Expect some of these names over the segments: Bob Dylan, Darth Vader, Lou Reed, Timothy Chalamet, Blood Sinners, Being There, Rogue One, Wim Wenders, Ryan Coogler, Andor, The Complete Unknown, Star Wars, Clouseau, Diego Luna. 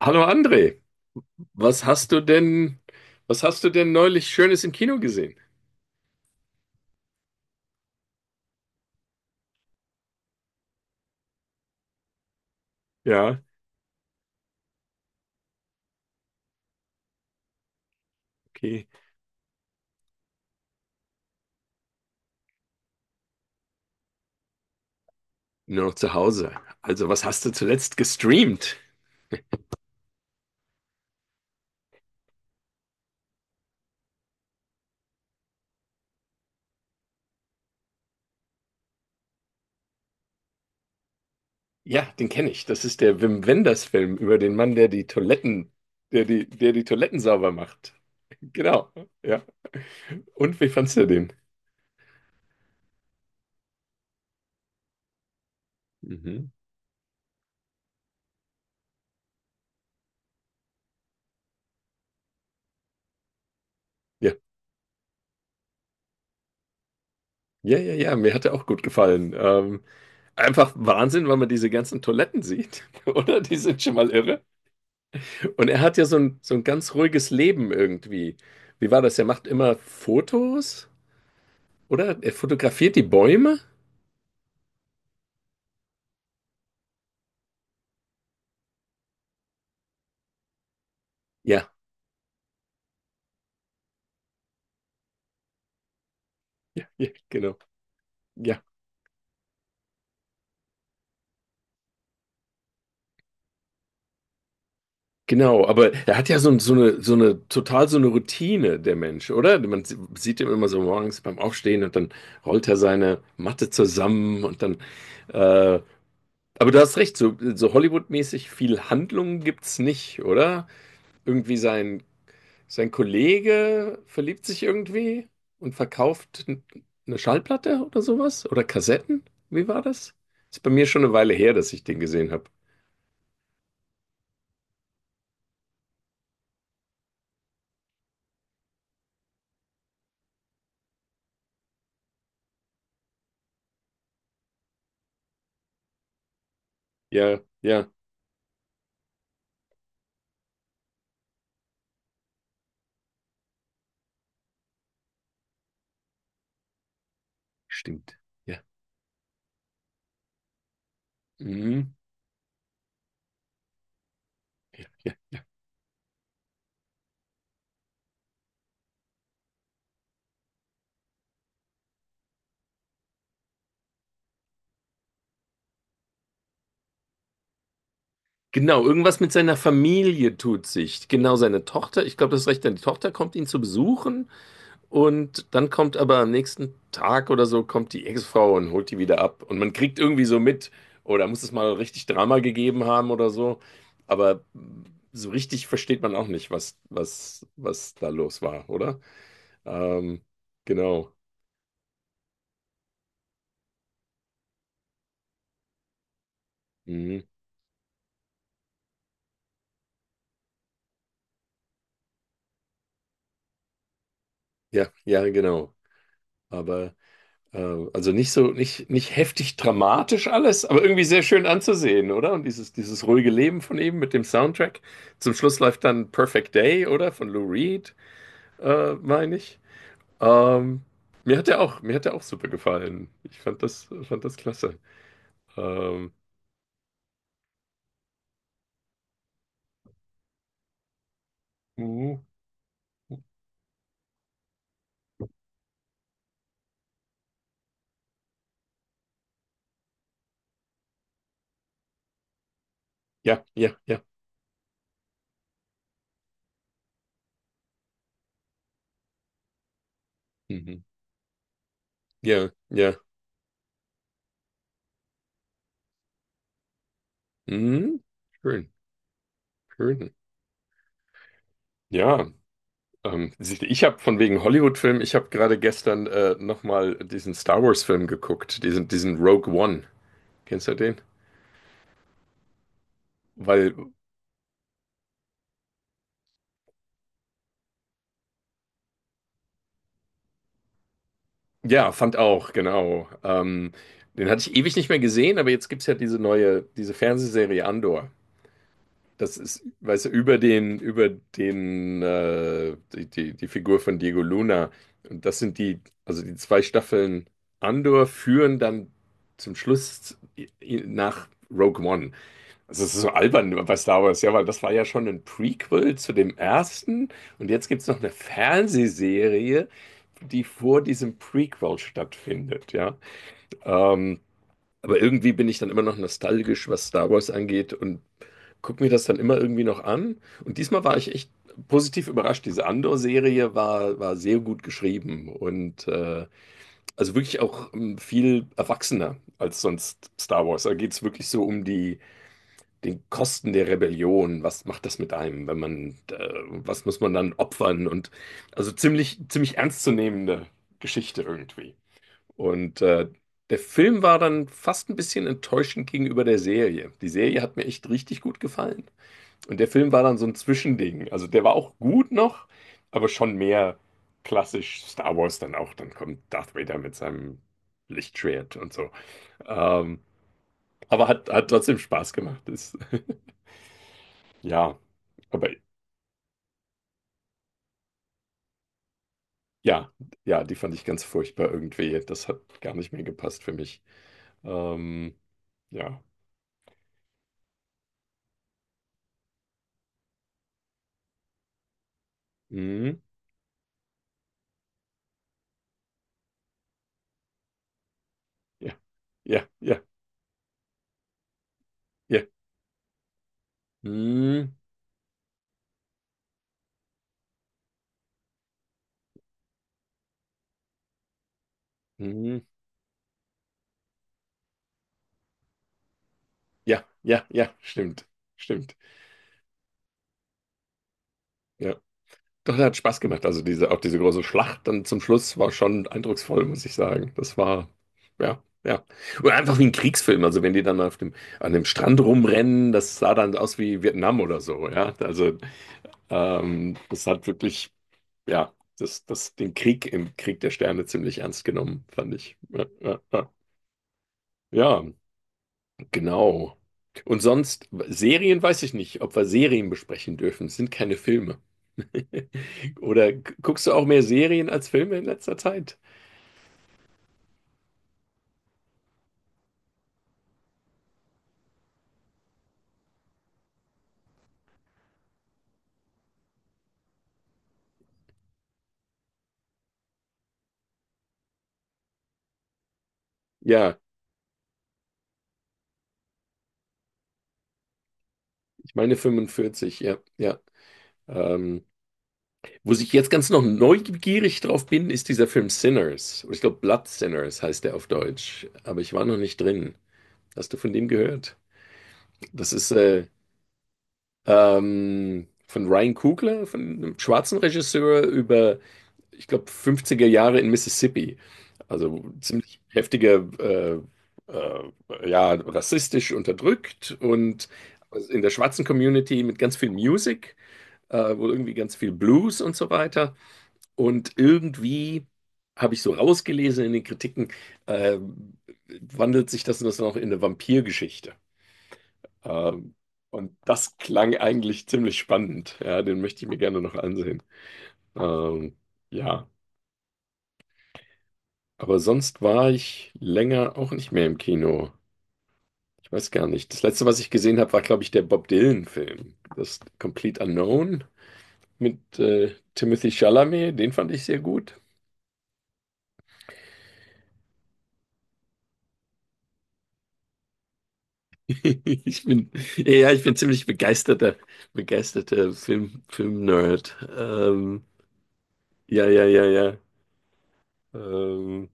Hallo André, was hast du denn, was hast du denn neulich Schönes im Kino gesehen? Ja, okay. Nur noch zu Hause. Also, was hast du zuletzt gestreamt? Ja, den kenne ich. Das ist der Wim Wenders-Film über den Mann, der die Toiletten sauber macht. Genau. Ja. Und wie fandst du den? Mhm. Ja. Ja, ja, ja, mir hat er auch gut gefallen. Einfach Wahnsinn, weil man diese ganzen Toiletten sieht, oder? Die sind schon mal irre. Und er hat ja so ein ganz ruhiges Leben irgendwie. Wie war das? Er macht immer Fotos, oder? Er fotografiert die Bäume? Ja, ja, ja, genau. Ja, genau. Aber er hat ja total so eine Routine, der Mensch, oder? Man sieht ihn immer so morgens beim Aufstehen und dann rollt er seine Matte zusammen und dann. Äh, aber du hast recht, so Hollywood-mäßig viel Handlung gibt's nicht, oder? Irgendwie sein Kollege verliebt sich irgendwie und verkauft eine Schallplatte oder sowas? Oder Kassetten? Wie war das? Ist bei mir schon eine Weile her, dass ich den gesehen habe. Ja, ja, stimmt. Ja. Mhm. Ja, ja, ja. Genau, irgendwas mit seiner Familie tut sich. Genau, seine Tochter. Ich glaube, das ist recht, denn die Tochter kommt ihn zu besuchen. Und dann kommt aber am nächsten Tag oder so, kommt die Ex-Frau und holt die wieder ab. Und man kriegt irgendwie so mit, oder muss es mal richtig Drama gegeben haben oder so. Aber so richtig versteht man auch nicht, was da los war, oder? Ähm, genau. Mhm. Ja, ja, genau. Aber äh, also nicht so, nicht, nicht heftig dramatisch alles, aber irgendwie sehr schön anzusehen, oder? Und dieses ruhige Leben von ihm mit dem Soundtrack. Zum Schluss läuft dann Perfect Day, oder? Von Lou Reed, meine ich. Ähm, mir hat der auch super gefallen. Ich fand das klasse. Ähm, uh, ja, ja, ja. Mhm. Ja, ja. Mhm. Schön, schön. Ja, siehst du, ich habe von wegen Hollywood-Film, ich habe gerade gestern nochmal diesen Star Wars-Film geguckt, diesen Rogue One. Kennst du den? Weil, ja, fand auch, genau. Den hatte ich ewig nicht mehr gesehen, aber jetzt gibt es ja diese neue, diese Fernsehserie Andor. Das ist, weißt du, über den, die, die, die Figur von Diego Luna. Und das sind also die zwei Staffeln Andor führen dann zum Schluss nach Rogue One. Also es ist so albern bei Star Wars, ja, weil das war ja schon ein Prequel zu dem ersten. Und jetzt gibt es noch eine Fernsehserie, die vor diesem Prequel stattfindet, ja. Ähm, aber irgendwie bin ich dann immer noch nostalgisch, was Star Wars angeht und guck mir das dann immer irgendwie noch an. Und diesmal war ich echt positiv überrascht. Diese Andor-Serie war sehr gut geschrieben und also wirklich auch viel erwachsener als sonst Star Wars. Da geht es wirklich so um die den Kosten der Rebellion. Was macht das mit einem, wenn man, was muss man dann opfern? Und also ziemlich, ziemlich ernstzunehmende Geschichte irgendwie. Und der Film war dann fast ein bisschen enttäuschend gegenüber der Serie. Die Serie hat mir echt richtig gut gefallen. Und der Film war dann so ein Zwischending. Also der war auch gut noch, aber schon mehr klassisch Star Wars dann auch. Dann kommt Darth Vader mit seinem Lichtschwert und so. Ähm, aber hat trotzdem Spaß gemacht. Ist, ja, aber ja, ja, die fand ich ganz furchtbar irgendwie. Das hat gar nicht mehr gepasst für mich. Ähm, ja. Hm, ja, ja, ja, ja. Hm, hm, ja, ja, ja, stimmt, stimmt. Ja. Doch, der hat Spaß gemacht. Also auch diese große Schlacht dann zum Schluss war schon eindrucksvoll, muss ich sagen. Das war, ja, ja. Oder einfach wie ein Kriegsfilm. Also wenn die dann an dem Strand rumrennen, das sah dann aus wie Vietnam oder so, ja. Also das hat wirklich, ja, den Krieg im Krieg der Sterne ziemlich ernst genommen, fand ich. Ja, ja, ja. Ja, genau. Und sonst, Serien weiß ich nicht, ob wir Serien besprechen dürfen. Es sind keine Filme. Oder guckst du auch mehr Serien als Filme in letzter Zeit? Ja, ich meine 45, ja, ja. Ähm, wo ich jetzt ganz noch neugierig drauf bin, ist dieser Film Sinners. Oder ich glaube, Blood Sinners heißt der auf Deutsch. Aber ich war noch nicht drin. Hast du von dem gehört? Das ist von Ryan Coogler, von einem schwarzen Regisseur, über ich glaube, 50er Jahre in Mississippi. Also ziemlich heftiger, äh, ja, rassistisch unterdrückt und in der schwarzen Community mit ganz viel Music, wohl irgendwie ganz viel Blues und so weiter. Und irgendwie habe ich so rausgelesen in den Kritiken, äh, wandelt sich das noch in eine Vampirgeschichte. Ähm, und das klang eigentlich ziemlich spannend. Ja, den möchte ich mir gerne noch ansehen. Ähm, ja. Aber sonst war ich länger auch nicht mehr im Kino. Ich weiß gar nicht. Das letzte, was ich gesehen habe, war, glaube ich, der Bob Dylan-Film. Das Complete Unknown mit Timothy Chalamet. Den fand ich sehr gut. Ich bin, ja, ich bin ziemlich begeisterter Film-Nerd. Ja, ja, ja, ja. Ähm,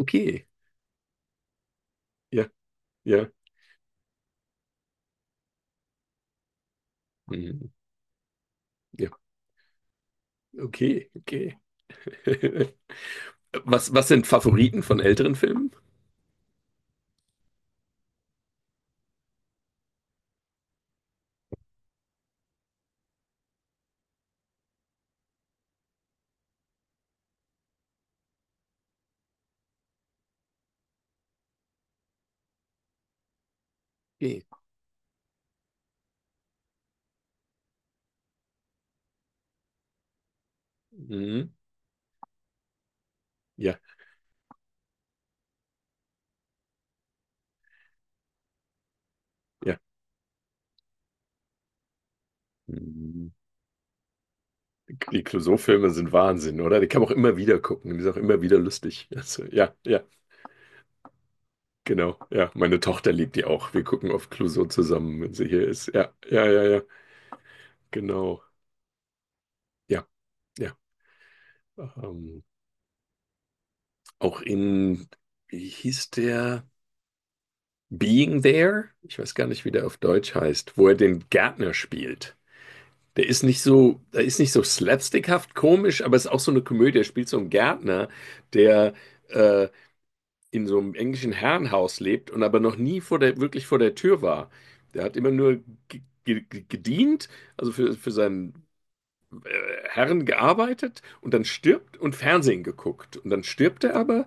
okay. Ja, ja. Mhm. Ja, okay, okay. Was sind Favoriten von älteren Filmen? Okay. Mhm. Ja. Ja. Die Clouseau-Filme sind Wahnsinn, oder? Die kann man auch immer wieder gucken. Die sind auch immer wieder lustig. Also, ja, ja, genau. Ja, meine Tochter liebt die auch. Wir gucken oft Clouseau zusammen, wenn sie hier ist. Ja, ja, ja, ja, genau. Ja, ja. Ähm, auch in, wie hieß der? Being There? Ich weiß gar nicht, wie der auf Deutsch heißt, wo er den Gärtner spielt. Der ist nicht so slapstickhaft komisch, aber es ist auch so eine Komödie. Er spielt so einen Gärtner, der äh, in so einem englischen Herrenhaus lebt und aber noch nie wirklich vor der Tür war. Der hat immer nur ge- ge- gedient, also für seinen Herren gearbeitet und dann stirbt und Fernsehen geguckt. Und dann stirbt er aber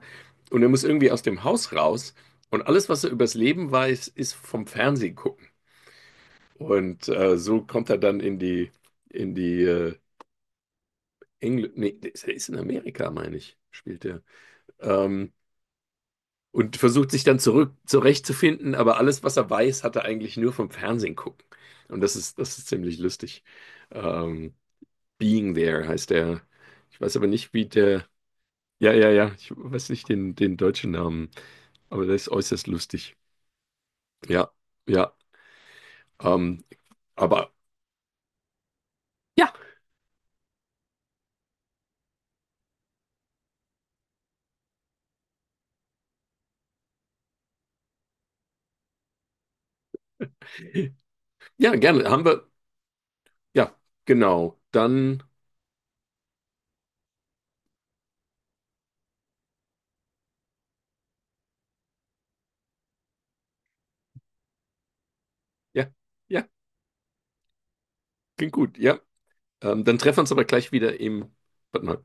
und er muss irgendwie aus dem Haus raus und alles, was er übers Leben weiß, ist vom Fernsehen gucken. Und so kommt er dann in die äh, nee, der ist er ist in Amerika, meine ich, spielt er. Ähm, und versucht sich dann zurück zurechtzufinden, aber alles, was er weiß, hat er eigentlich nur vom Fernsehen gucken. Und das ist ziemlich lustig. Ähm, Being There heißt der. Ich weiß aber nicht, wie der. Ja, ja, ja. Ich weiß nicht den deutschen Namen, aber der ist äußerst lustig. Ja, ja. Ähm, aber ja, ja, gerne. Haben wir. Ja, genau. Dann. Ja, ja, klingt gut. Ja. Dann treffen wir uns aber gleich wieder im. Warte mal.